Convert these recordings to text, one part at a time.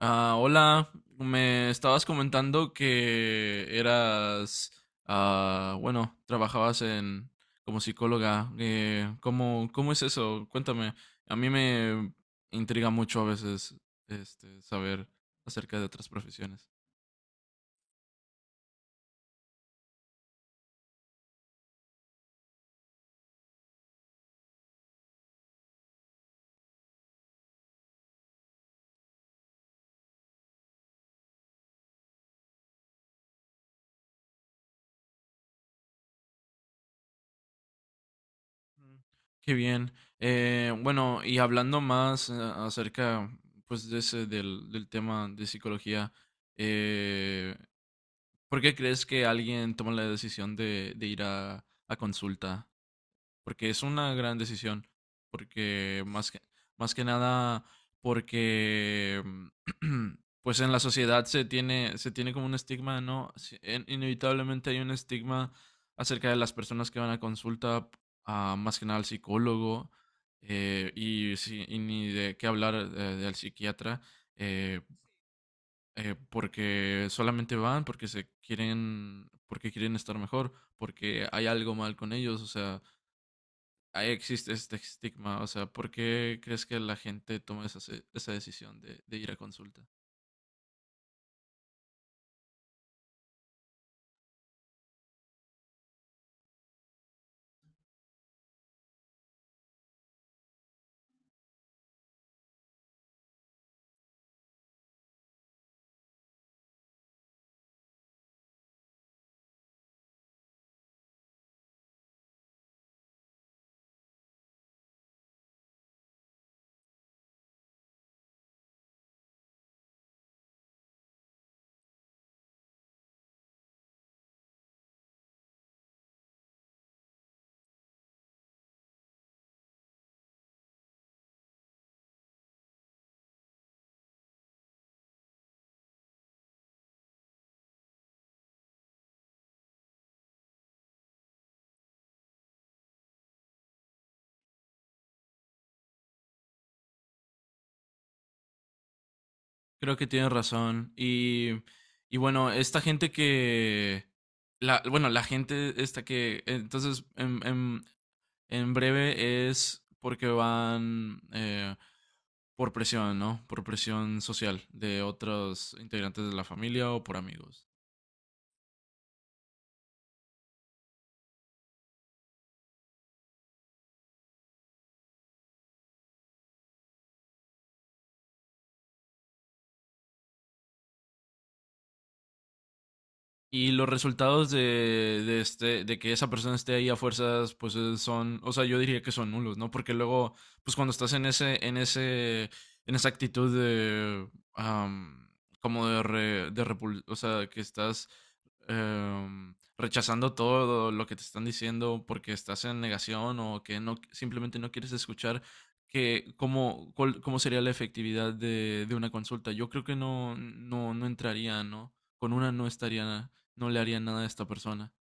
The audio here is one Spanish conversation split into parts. Hola, me estabas comentando que eras, bueno, trabajabas en como psicóloga. ¿Cómo, cómo es eso? Cuéntame. A mí me intriga mucho a veces saber acerca de otras profesiones. Mm. Qué bien. Bueno, y hablando más acerca pues de ese, del tema de psicología, eh, ¿por qué crees que alguien toma la decisión de ir a consulta? Porque es una gran decisión, porque más que nada, porque pues en la sociedad se tiene como un estigma, ¿no? Inevitablemente hay un estigma acerca de las personas que van a consulta, a, más que nada al psicólogo, y ni de qué hablar del psiquiatra, eh, porque solamente van porque se quieren, porque quieren estar mejor, porque hay algo mal con ellos, o sea, ahí existe este estigma. O sea, ¿por qué crees que la gente toma esa, esa decisión de ir a consulta? Creo que tienes razón. Y bueno, esta gente que... La, bueno, la gente esta que... Entonces, en breve es porque van por presión, ¿no? Por presión social de otros integrantes de la familia o por amigos. Y los resultados este, de que esa persona esté ahí a fuerzas, pues son, o sea, yo diría que son nulos, ¿no? Porque luego, pues cuando estás en ese, en ese, en esa actitud de, am, como de, o sea, que estás rechazando todo lo que te están diciendo porque estás en negación o que no, simplemente no quieres escuchar, que, ¿cómo, cómo sería la efectividad de una consulta? Yo creo que no, no, no entraría, ¿no? Con una no estaría no le haría nada a esta persona.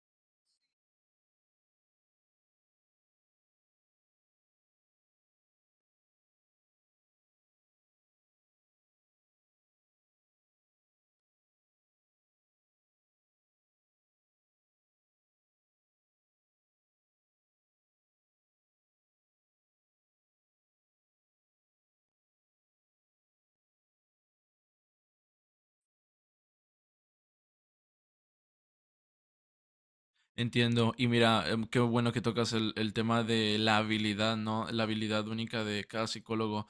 Entiendo. Y mira, qué bueno que tocas el tema de la habilidad, ¿no? La habilidad única de cada psicólogo.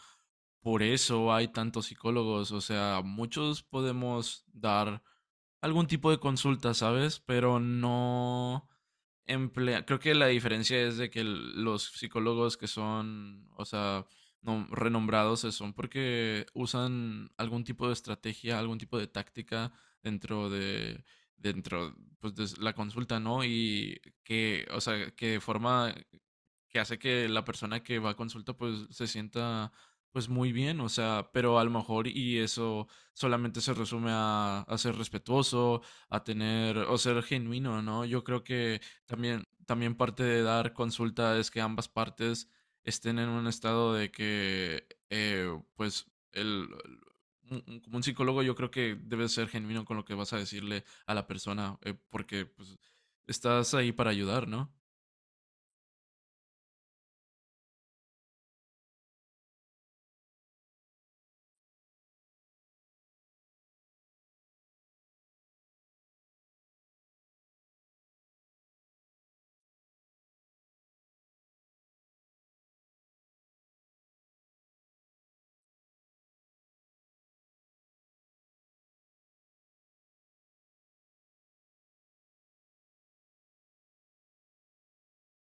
Por eso hay tantos psicólogos. O sea, muchos podemos dar algún tipo de consulta, ¿sabes? Pero no emplea. Creo que la diferencia es de que los psicólogos que son, o sea, renombrados son porque usan algún tipo de estrategia, algún tipo de táctica dentro de dentro pues, la consulta, ¿no? Y que, o sea, que de forma que hace que la persona que va a consulta pues se sienta pues muy bien, o sea, pero a lo mejor y eso solamente se resume a ser respetuoso, a tener o ser genuino, ¿no? Yo creo que también, también parte de dar consulta es que ambas partes estén en un estado de que pues el, como un psicólogo yo creo que debes ser genuino con lo que vas a decirle a la persona, porque pues estás ahí para ayudar, ¿no?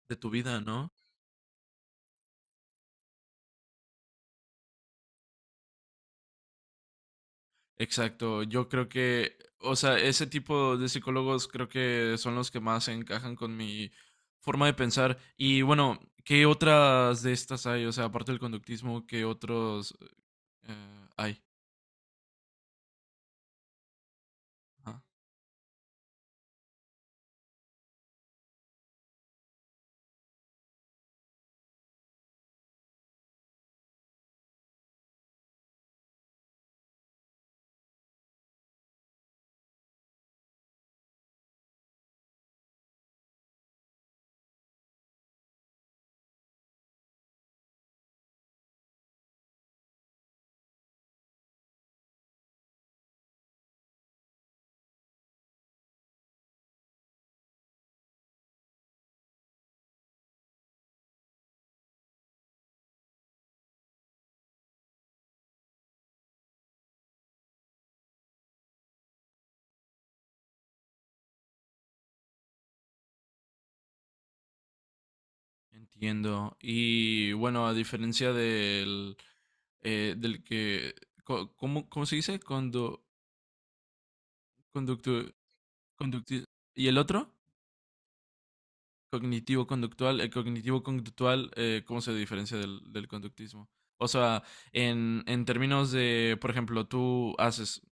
De tu vida, ¿no? Exacto, yo creo que, o sea, ese tipo de psicólogos creo que son los que más encajan con mi forma de pensar. Y bueno, ¿qué otras de estas hay? O sea, aparte del conductismo, ¿qué otros hay? Ah, entiendo. Y bueno, a diferencia del, del que, ¿cómo, cómo se dice? Condo, conductu, conducti- ¿y el otro? Cognitivo-conductual. El cognitivo-conductual, ¿cómo se diferencia del conductismo? O sea, en términos de, por ejemplo, tú haces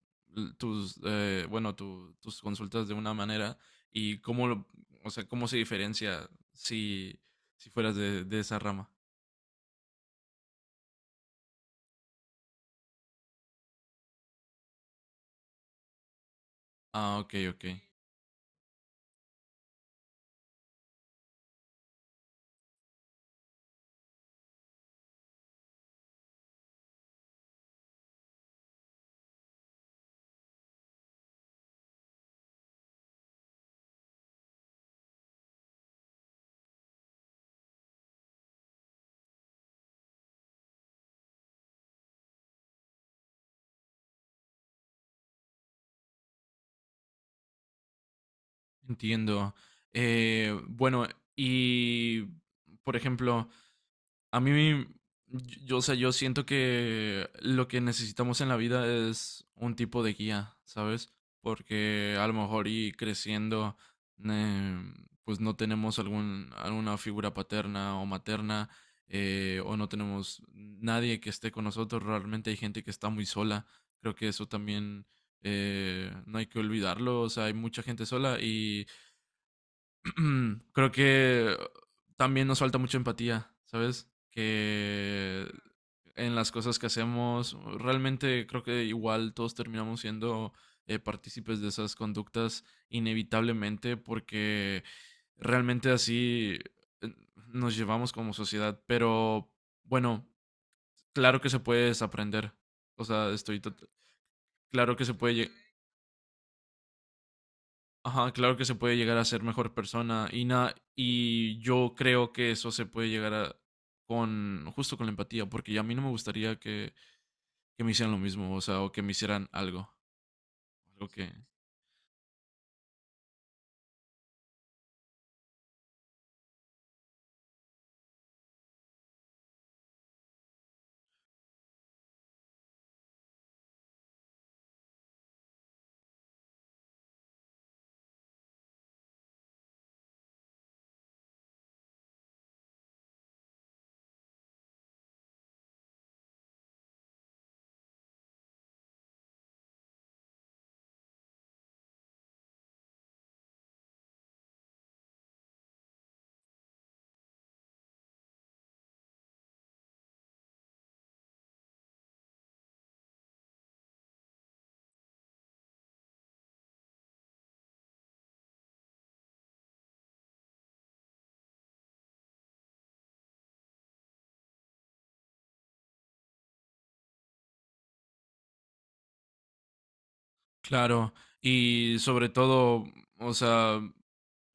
tus, bueno, tus consultas de una manera y cómo, lo- o sea, cómo se diferencia si, si fueras de esa rama. Ah, ok, ok. Entiendo. Bueno, y, por ejemplo, a mí, yo, o sea, yo siento que lo que necesitamos en la vida es un tipo de guía, ¿sabes? Porque a lo mejor y creciendo, eh, pues no tenemos algún, alguna figura paterna o materna, o no tenemos nadie que esté con nosotros. Realmente hay gente que está muy sola. Creo que eso también no hay que olvidarlo. O sea, hay mucha gente sola y creo que también nos falta mucha empatía, ¿sabes? Que en las cosas que hacemos, realmente creo que igual todos terminamos siendo partícipes de esas conductas inevitablemente porque realmente así eh, nos llevamos como sociedad, pero bueno, claro que se puede desaprender, o sea, estoy tot- claro que se puede. Ajá, claro que se puede llegar a ser mejor persona y na- y yo creo que eso se puede llegar a con justo con la empatía, porque a mí no me gustaría que me hicieran lo mismo, o sea, o que me hicieran algo, algo que, claro, y sobre todo, o sea,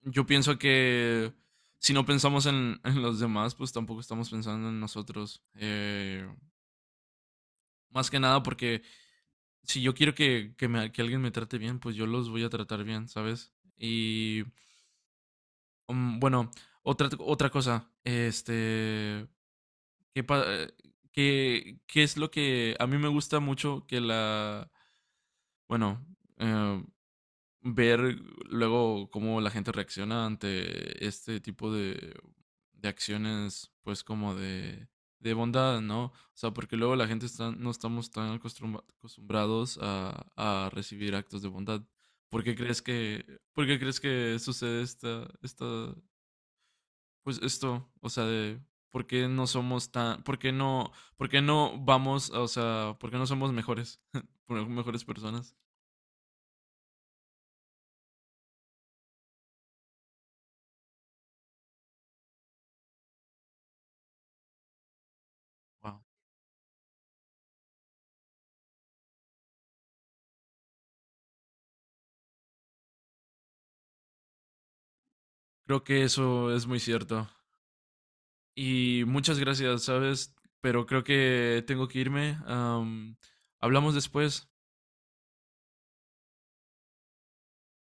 yo pienso que si no pensamos en los demás, pues tampoco estamos pensando en nosotros. Más que nada porque si yo quiero que, me- que alguien me trate bien, pues yo los voy a tratar bien, ¿sabes? Y mm, bueno, otra, otra cosa, este, ¿qué, qué- qué es lo que a mí me gusta mucho que la, bueno, eh, ver luego cómo la gente reacciona ante este tipo de acciones, pues como de bondad, ¿no? O sea, porque luego la gente está, no estamos tan acostumbra- acostumbrados a recibir actos de bondad. ¿Por qué crees que, por qué crees que sucede esta, esta, pues esto, o sea, de por qué no somos tan, por qué no vamos, o sea, por qué no somos mejores, por- mejores personas. Wow. Creo que eso es muy cierto. Y muchas gracias, ¿sabes? Pero creo que tengo que irme. Hablamos después.